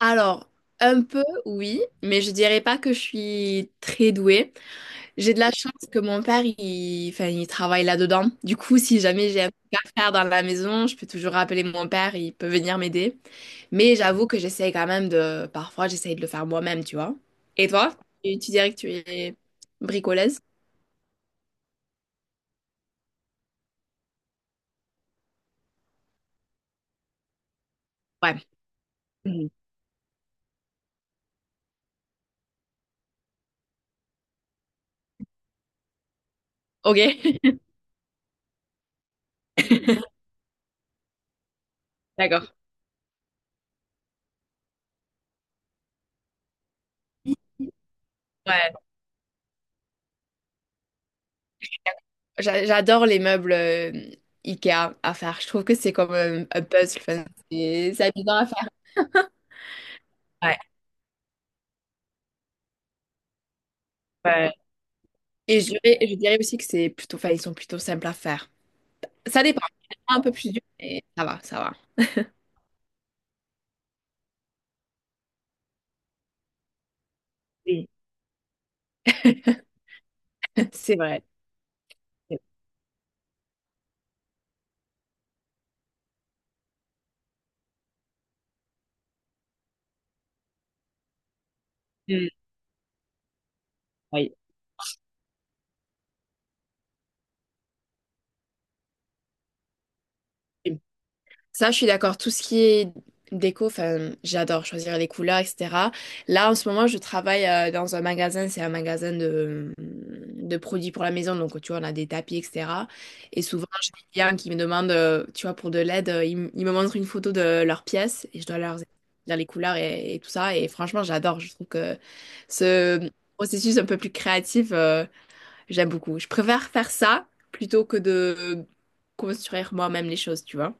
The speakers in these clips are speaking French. Alors, un peu, oui, mais je dirais pas que je suis très douée. J'ai de la chance que mon père, enfin, il travaille là-dedans. Du coup, si jamais j'ai un truc à faire dans la maison, je peux toujours appeler mon père, il peut venir m'aider. Mais j'avoue que j'essaye quand même. Parfois, j'essaye de le faire moi-même, tu vois. Et toi? Tu dirais que tu es bricoleuse? Ouais. Mhm. Ok. D'accord. Ouais. J'adore les meubles IKEA à faire. Je trouve que c'est comme un puzzle. Enfin, c'est amusant à faire. Ouais. Et je dirais aussi que c'est plutôt, enfin, ils sont plutôt simples à faire. Ça dépend. Il y en a un peu plus dur, mais ça va, ça va. Oui, c'est vrai. Mm. Oui. Ça, je suis d'accord. Tout ce qui est déco, enfin, j'adore choisir les couleurs, etc. Là, en ce moment, je travaille dans un magasin. C'est un magasin de produits pour la maison. Donc, tu vois, on a des tapis, etc. Et souvent, j'ai des clients qui me demandent, tu vois, pour de l'aide, ils me montrent une photo de leur pièce et je dois leur dire les couleurs et tout ça. Et franchement, j'adore. Je trouve que ce processus un peu plus créatif, j'aime beaucoup. Je préfère faire ça plutôt que de construire moi-même les choses, tu vois.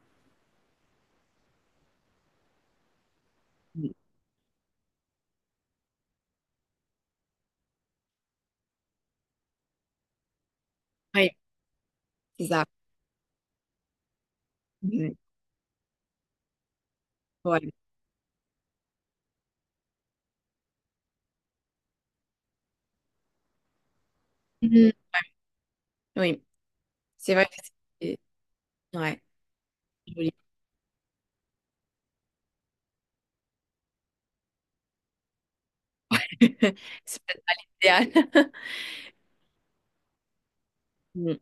Oui. C'est ça. Mhm. Ouais. Mhm. Oui, c'est vrai que c'est ouais, joli. C'est peut-être pas l'idéal. Mm.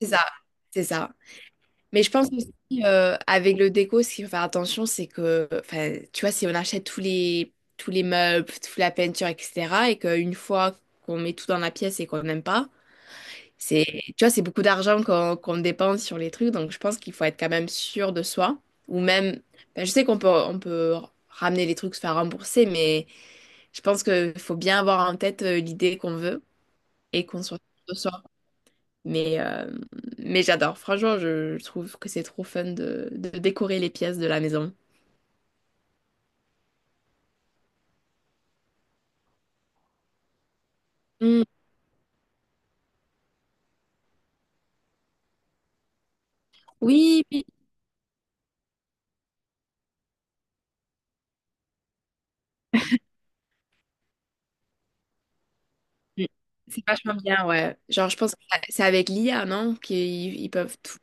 C'est ça, c'est ça. Mais je pense aussi, avec le déco, ce qu'il faut faire attention, c'est que, enfin, tu vois, si on achète tous les meubles, toute la peinture, etc., et qu'une fois qu'on met tout dans la pièce et qu'on n'aime pas, c'est, tu vois, c'est beaucoup d'argent qu'on dépense sur les trucs, donc je pense qu'il faut être quand même sûr de soi. Ou même, enfin, je sais qu'on peut ramener les trucs, se faire rembourser, mais je pense qu'il faut bien avoir en tête l'idée qu'on veut et qu'on soit sûr de soi. Mais, euh, mais j'adore. Franchement, je trouve que c'est trop fun de décorer les pièces de la maison. Mm. Oui, oui. Mm. C'est vachement bien, ouais. Genre, je pense que c'est avec l'IA, non? Qu'ils peuvent tout.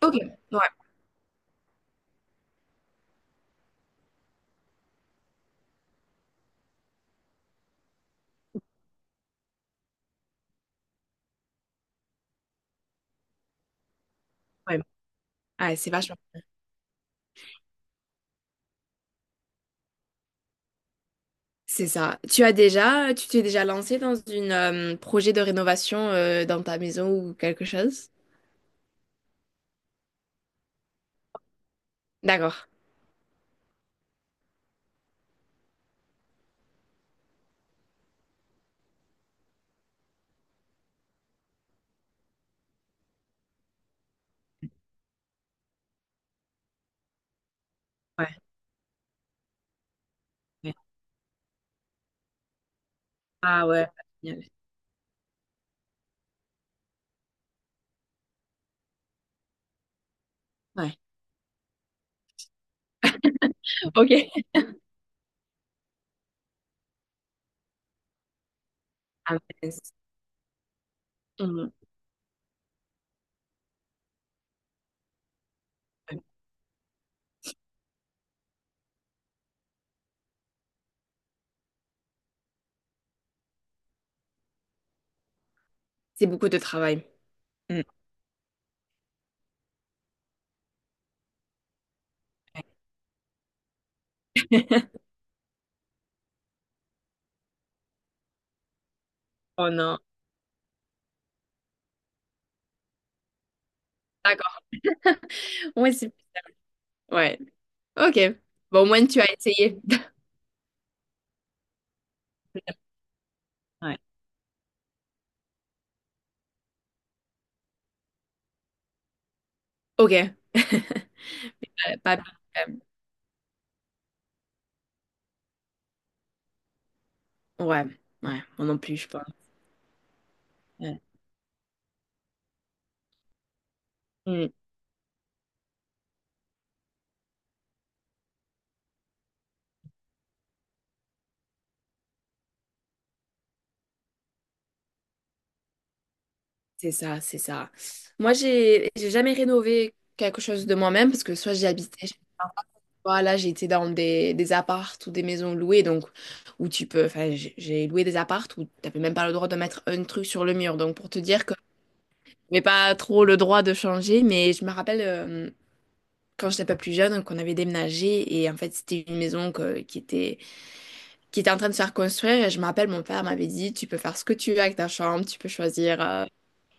Ok, ouais, ouais. Ouais, c'est vachement. C'est ça. Tu t'es déjà lancé dans une projet de rénovation dans ta maison ou quelque chose? D'accord. Ouais. Ouais. Ah ouais. Génial. Ouais. Ok. Ah, mince. Mmh. Ouais. C'est beaucoup de travail. Mm. Ouais. Oh non. D'accord. Ouais. Ouais. OK. Bon, au moins, tu as essayé. Ouais. OK. Pas... euh, Ouais. Ouais. Moi non plus, je pense. Ouais. Mm. C'est ça, c'est ça. Moi, j'ai jamais rénové quelque chose de moi-même parce que soit j'y habitais chez mes parents, là, j'étais dans des apparts ou des maisons louées, donc où tu peux. Enfin, j'ai loué des apparts où t'avais même pas le droit de mettre un truc sur le mur. Donc, pour te dire que j'avais pas trop le droit de changer, mais je me rappelle, quand j'étais pas plus jeune, qu'on avait déménagé et en fait c'était une maison qui était en train de se faire construire et je me rappelle mon père m'avait dit tu peux faire ce que tu veux avec ta chambre, tu peux choisir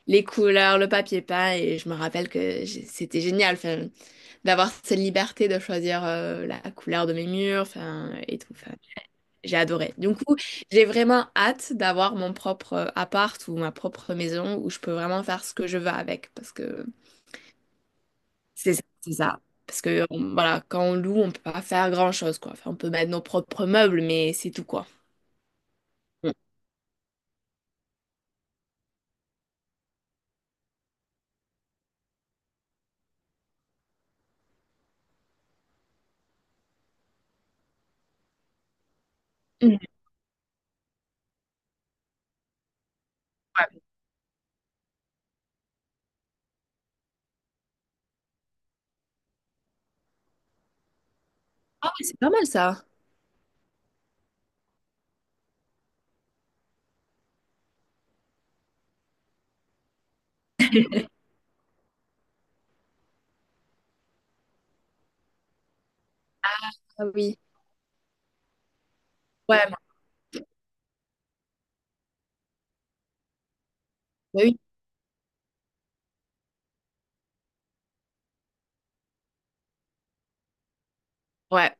les couleurs, le papier peint et je me rappelle que c'était génial enfin, d'avoir cette liberté de choisir la couleur de mes murs enfin, et tout. Enfin, j'ai adoré. Du coup, j'ai vraiment hâte d'avoir mon propre appart ou ma propre maison où je peux vraiment faire ce que je veux avec parce que c'est ça, c'est ça. Parce que voilà, quand on loue, on peut pas faire grand-chose, quoi. Enfin, on peut mettre nos propres meubles, mais c'est tout, quoi. Mm. Mhm. Ouais. Ah ouais, c'est pas mal ça. Ah oui. Ouais, bah oui. Ouais.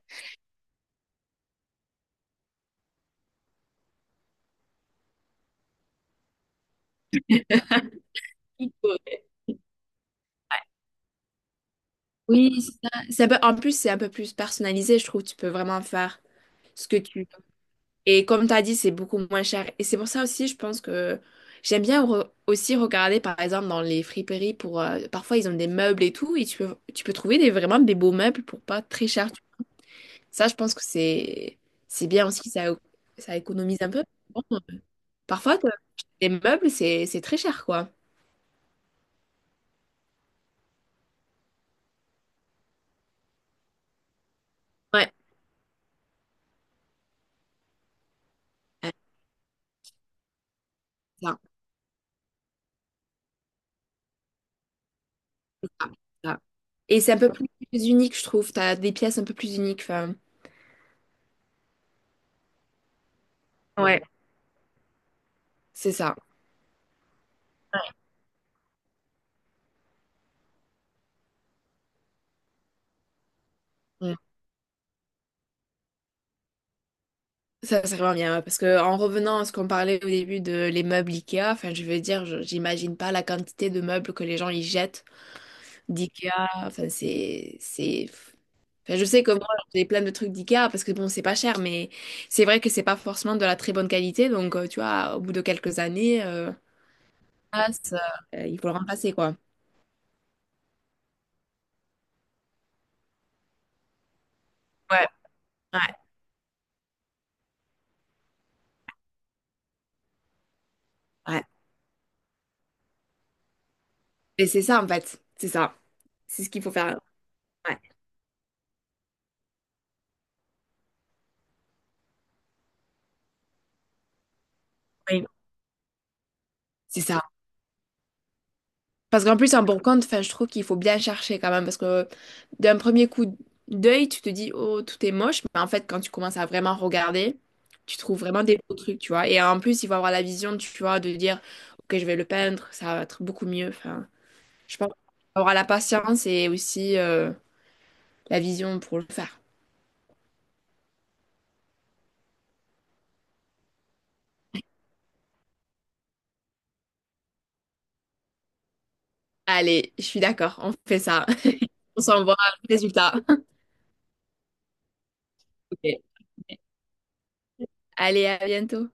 Il Oui, c'est ça. Oui, en plus, c'est un peu plus personnalisé, je trouve. Tu peux vraiment faire ce que tu veux. Et comme tu as dit, c'est beaucoup moins cher. Et c'est pour ça aussi, je pense que j'aime bien aussi regarder, par exemple, dans les friperies Parfois, ils ont des meubles et tout, et tu peux trouver vraiment des beaux meubles pour pas très cher. Ça, je pense que c'est bien aussi, ça économise un peu. Bon, parfois, les meubles, c'est très cher, quoi. Ouais, euh, ça, c'est ça, c'est ça. Et c'est un peu plus unique, je trouve. T'as des pièces un peu plus uniques. Enfin, ouais, c'est ça. Mm. Ça, c'est vraiment bien. Ouais, parce que en revenant à ce qu'on parlait au début de les meubles Ikea, enfin, je veux dire, j'imagine pas la quantité de meubles que les gens y jettent d'Ikea. Enfin, c'est Enfin, je sais que moi, j'ai plein de trucs d'IKEA parce que bon, c'est pas cher, mais c'est vrai que c'est pas forcément de la très bonne qualité. Donc, tu vois, au bout de quelques années, ah, ça, il faut le remplacer, quoi. Ouais, ouais, ouais. Et c'est ça, en fait. C'est ça. C'est ce qu'il faut faire. Ouais, oui. C'est ça. Parce qu'en plus, un bon compte, enfin, je trouve qu'il faut bien chercher quand même. Parce que d'un premier coup d'œil, tu te dis, oh, tout est moche. Mais en fait, quand tu commences à vraiment regarder, tu trouves vraiment des beaux trucs, tu vois. Et en plus, il faut avoir la vision, tu vois, de dire, ok, je vais le peindre, ça va être beaucoup mieux. Enfin, je pense qu'il faut avoir la patience et aussi la vision pour le faire. Allez, je suis d'accord, on fait ça. On s'envoie le résultat. Ok. Allez, à bientôt.